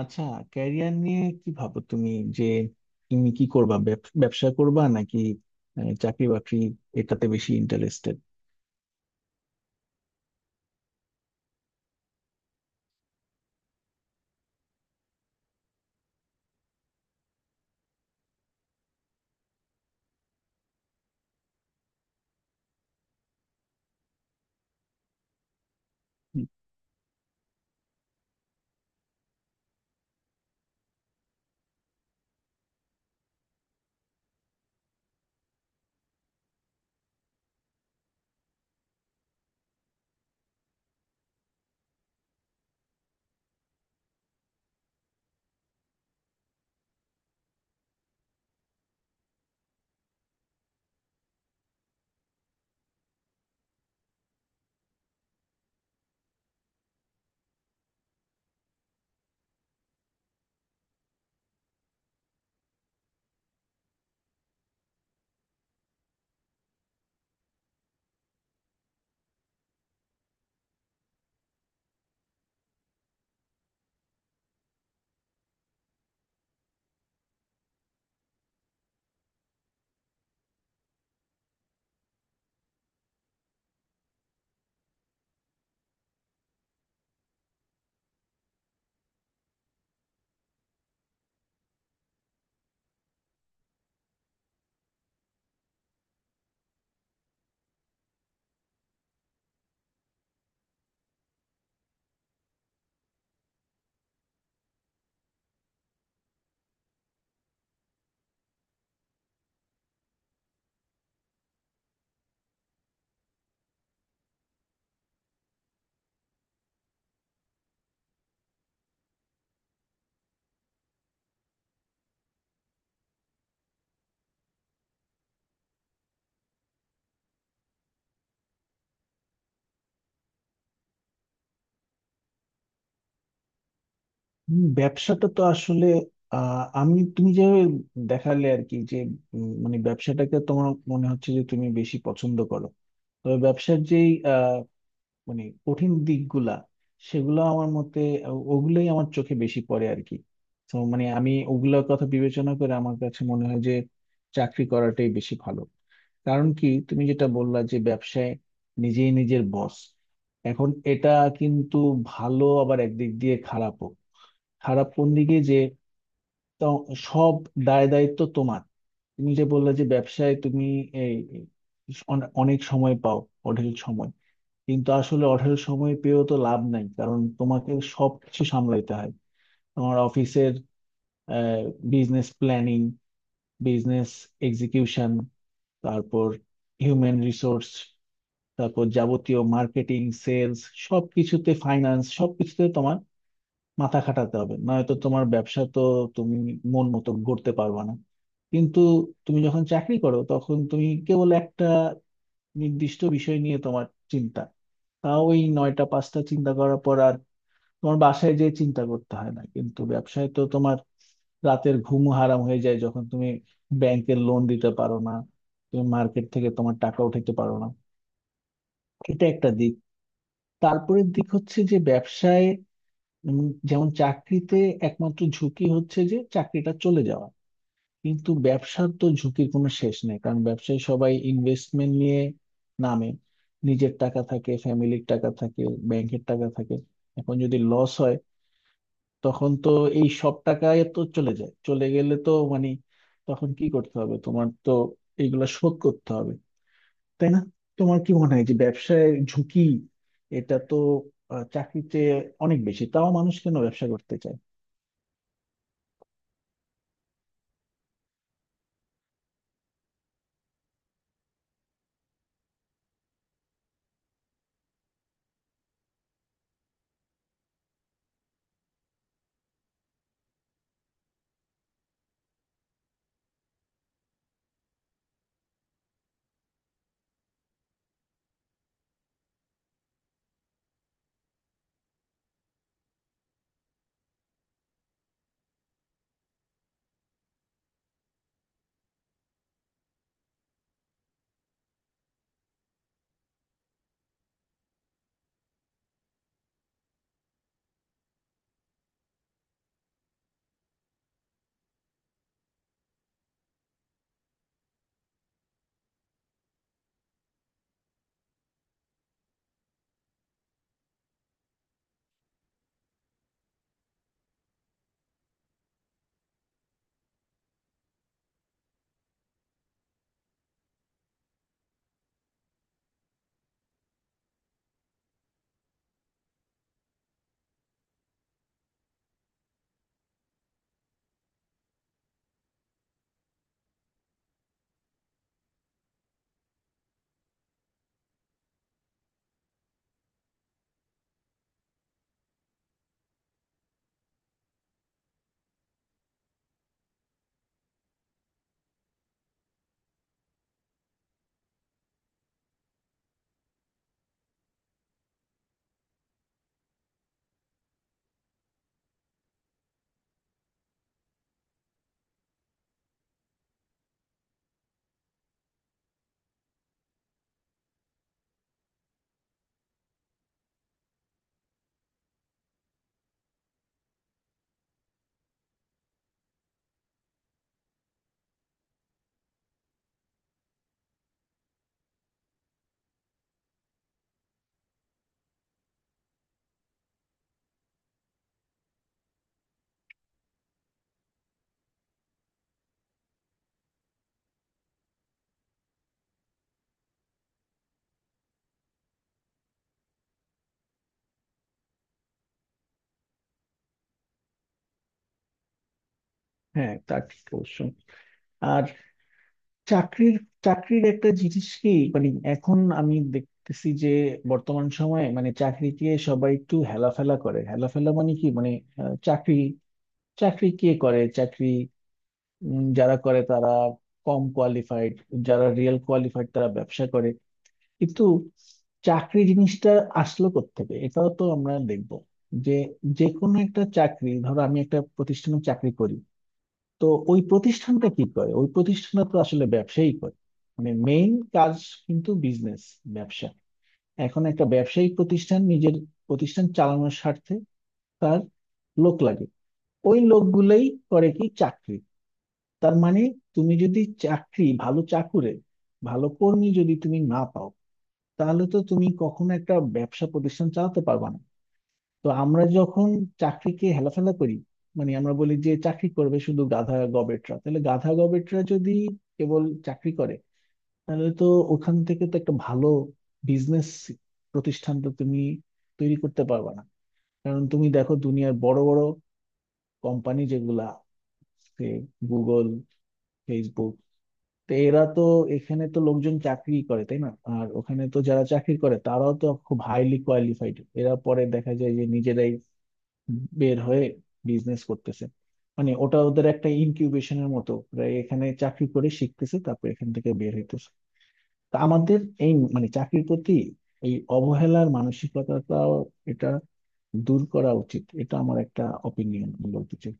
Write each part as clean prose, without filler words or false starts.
আচ্ছা। ক্যারিয়ার নিয়ে কি ভাবো তুমি, যে তুমি কি করবা, ব্যবসা করবা নাকি চাকরি বাকরি, এটাতে বেশি ইন্টারেস্টেড? হুম। ব্যবসাটা তো আসলে, আমি তুমি যে দেখালে আর কি, যে মানে ব্যবসাটাকে তোমার মনে হচ্ছে যে তুমি বেশি পছন্দ করো। তবে ব্যবসার যেই মানে কঠিন দিকগুলা, সেগুলো আমার মতে ওগুলোই আমার চোখে বেশি পড়ে আর কি। তো মানে আমি ওগুলোর কথা বিবেচনা করে আমার কাছে মনে হয় যে চাকরি করাটাই বেশি ভালো। কারণ কি, তুমি যেটা বললা যে ব্যবসায় নিজেই নিজের বস, এখন এটা কিন্তু ভালো, আবার একদিক দিয়ে খারাপও। খারাপ কোন দিকে যে, তো সব দায় দায়িত্ব তোমার। তুমি যে বললা যে ব্যবসায় তুমি এই অনেক সময় পাও, অঢেল সময়। কিন্তু আসলে অঢেল সময় পেয়েও তো লাভ নাই, কারণ তোমাকে সবকিছু সামলাইতে হয়। তোমার অফিসের বিজনেস প্ল্যানিং, বিজনেস এক্সিকিউশন, তারপর হিউম্যান রিসোর্স, তারপর যাবতীয় মার্কেটিং, সেলস, সবকিছুতে ফাইন্যান্স, সবকিছুতে তোমার মাথা খাটাতে হবে, নয়তো তোমার ব্যবসা তো তুমি মন মতো গড়তে পারবে না। কিন্তু তুমি যখন চাকরি করো, তখন তুমি কেবল একটা নির্দিষ্ট বিষয় নিয়ে তোমার চিন্তা। তাও ওই নয়টা পাঁচটা চিন্তা করার পর তোমার বাসায় যে চিন্তা করতে হয় না। কিন্তু ব্যবসায় তো তোমার রাতের ঘুম হারাম হয়ে যায়, যখন তুমি ব্যাংকের লোন দিতে পারো না, তুমি মার্কেট থেকে তোমার টাকা উঠাতে পারো না। এটা একটা দিক। তারপরের দিক হচ্ছে যে ব্যবসায় যেমন চাকরিতে একমাত্র ঝুঁকি হচ্ছে যে চাকরিটা চলে যাওয়া, কিন্তু ব্যবসার তো ঝুঁকির কোনো শেষ নেই। কারণ ব্যবসায় সবাই ইনভেস্টমেন্ট নিয়ে নামে, নিজের টাকা থাকে, ফ্যামিলির টাকা থাকে, ব্যাংকের টাকা থাকে। এখন যদি লস হয়, তখন তো এই সব টাকা তো চলে যায়। চলে গেলে তো মানে তখন কি করতে হবে, তোমার তো এগুলা শোধ করতে হবে, তাই না? তোমার কি মনে হয় যে ব্যবসায় ঝুঁকি এটা তো চাকরির চেয়ে অনেক বেশি, তাও মানুষ কেন ব্যবসা করতে চায়? হ্যাঁ, তা ঠিক অবশ্যই। আর চাকরির চাকরির একটা জিনিস কি, মানে এখন আমি দেখতেছি যে বর্তমান সময়ে মানে চাকরিকে সবাই একটু হেলাফেলা করে। হেলাফেলা মানে কি, মানে আহ, চাকরি চাকরি কে করে? চাকরি যারা করে তারা কম কোয়ালিফাইড, যারা রিয়েল কোয়ালিফাইড তারা ব্যবসা করে। কিন্তু চাকরি জিনিসটা আসলো কোত্থেকে, এটাও তো আমরা দেখব। যে যে কোনো একটা চাকরি, ধরো আমি একটা প্রতিষ্ঠানে চাকরি করি, তো ওই প্রতিষ্ঠানটা কি করে? ওই প্রতিষ্ঠানটা তো আসলে ব্যবসায়ী করে, মানে মেইন কাজ কিন্তু বিজনেস, ব্যবসা। এখন একটা ব্যবসায়িক প্রতিষ্ঠান নিজের প্রতিষ্ঠান চালানোর স্বার্থে তার লোক লাগে। ওই লোকগুলোই করে কি? চাকরি। তার মানে তুমি যদি চাকরি ভালো চাকুরে, ভালো কর্মী যদি তুমি না পাও, তাহলে তো তুমি কখনো একটা ব্যবসা প্রতিষ্ঠান চালাতে পারবে না। তো আমরা যখন চাকরিকে হেলাফেলা করি, মানে আমরা বলি যে চাকরি করবে শুধু গাধা গবেটরা, তাহলে গাধা গবেটরা যদি কেবল চাকরি করে, তাহলে তো ওখান থেকে তো একটা ভালো বিজনেস প্রতিষ্ঠান তো তুমি তৈরি করতে পারবে না। কারণ তুমি দেখো দুনিয়ার বড় বড় কোম্পানি, যেগুলা গুগল, ফেসবুক, তো এরা তো, এখানে তো লোকজন চাকরি করে, তাই না? আর ওখানে তো যারা চাকরি করে তারাও তো খুব হাইলি কোয়ালিফাইড। এরা পরে দেখা যায় যে নিজেরাই বের হয়ে বিজনেস করতেছে। মানে ওটা ওদের একটা ইনকিউবেশনের মতো, ওরা এখানে চাকরি করে শিখতেছে, তারপর এখান থেকে বের হইতেছে। তা আমাদের এই মানে চাকরির প্রতি এই অবহেলার মানসিকতাটাও, এটা দূর করা উচিত। এটা আমার একটা অপিনিয়ন বলতে চাই।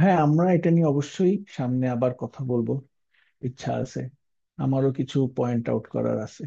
হ্যাঁ, আমরা এটা নিয়ে অবশ্যই সামনে আবার কথা বলবো, ইচ্ছা আছে। আমারও কিছু পয়েন্ট আউট করার আছে।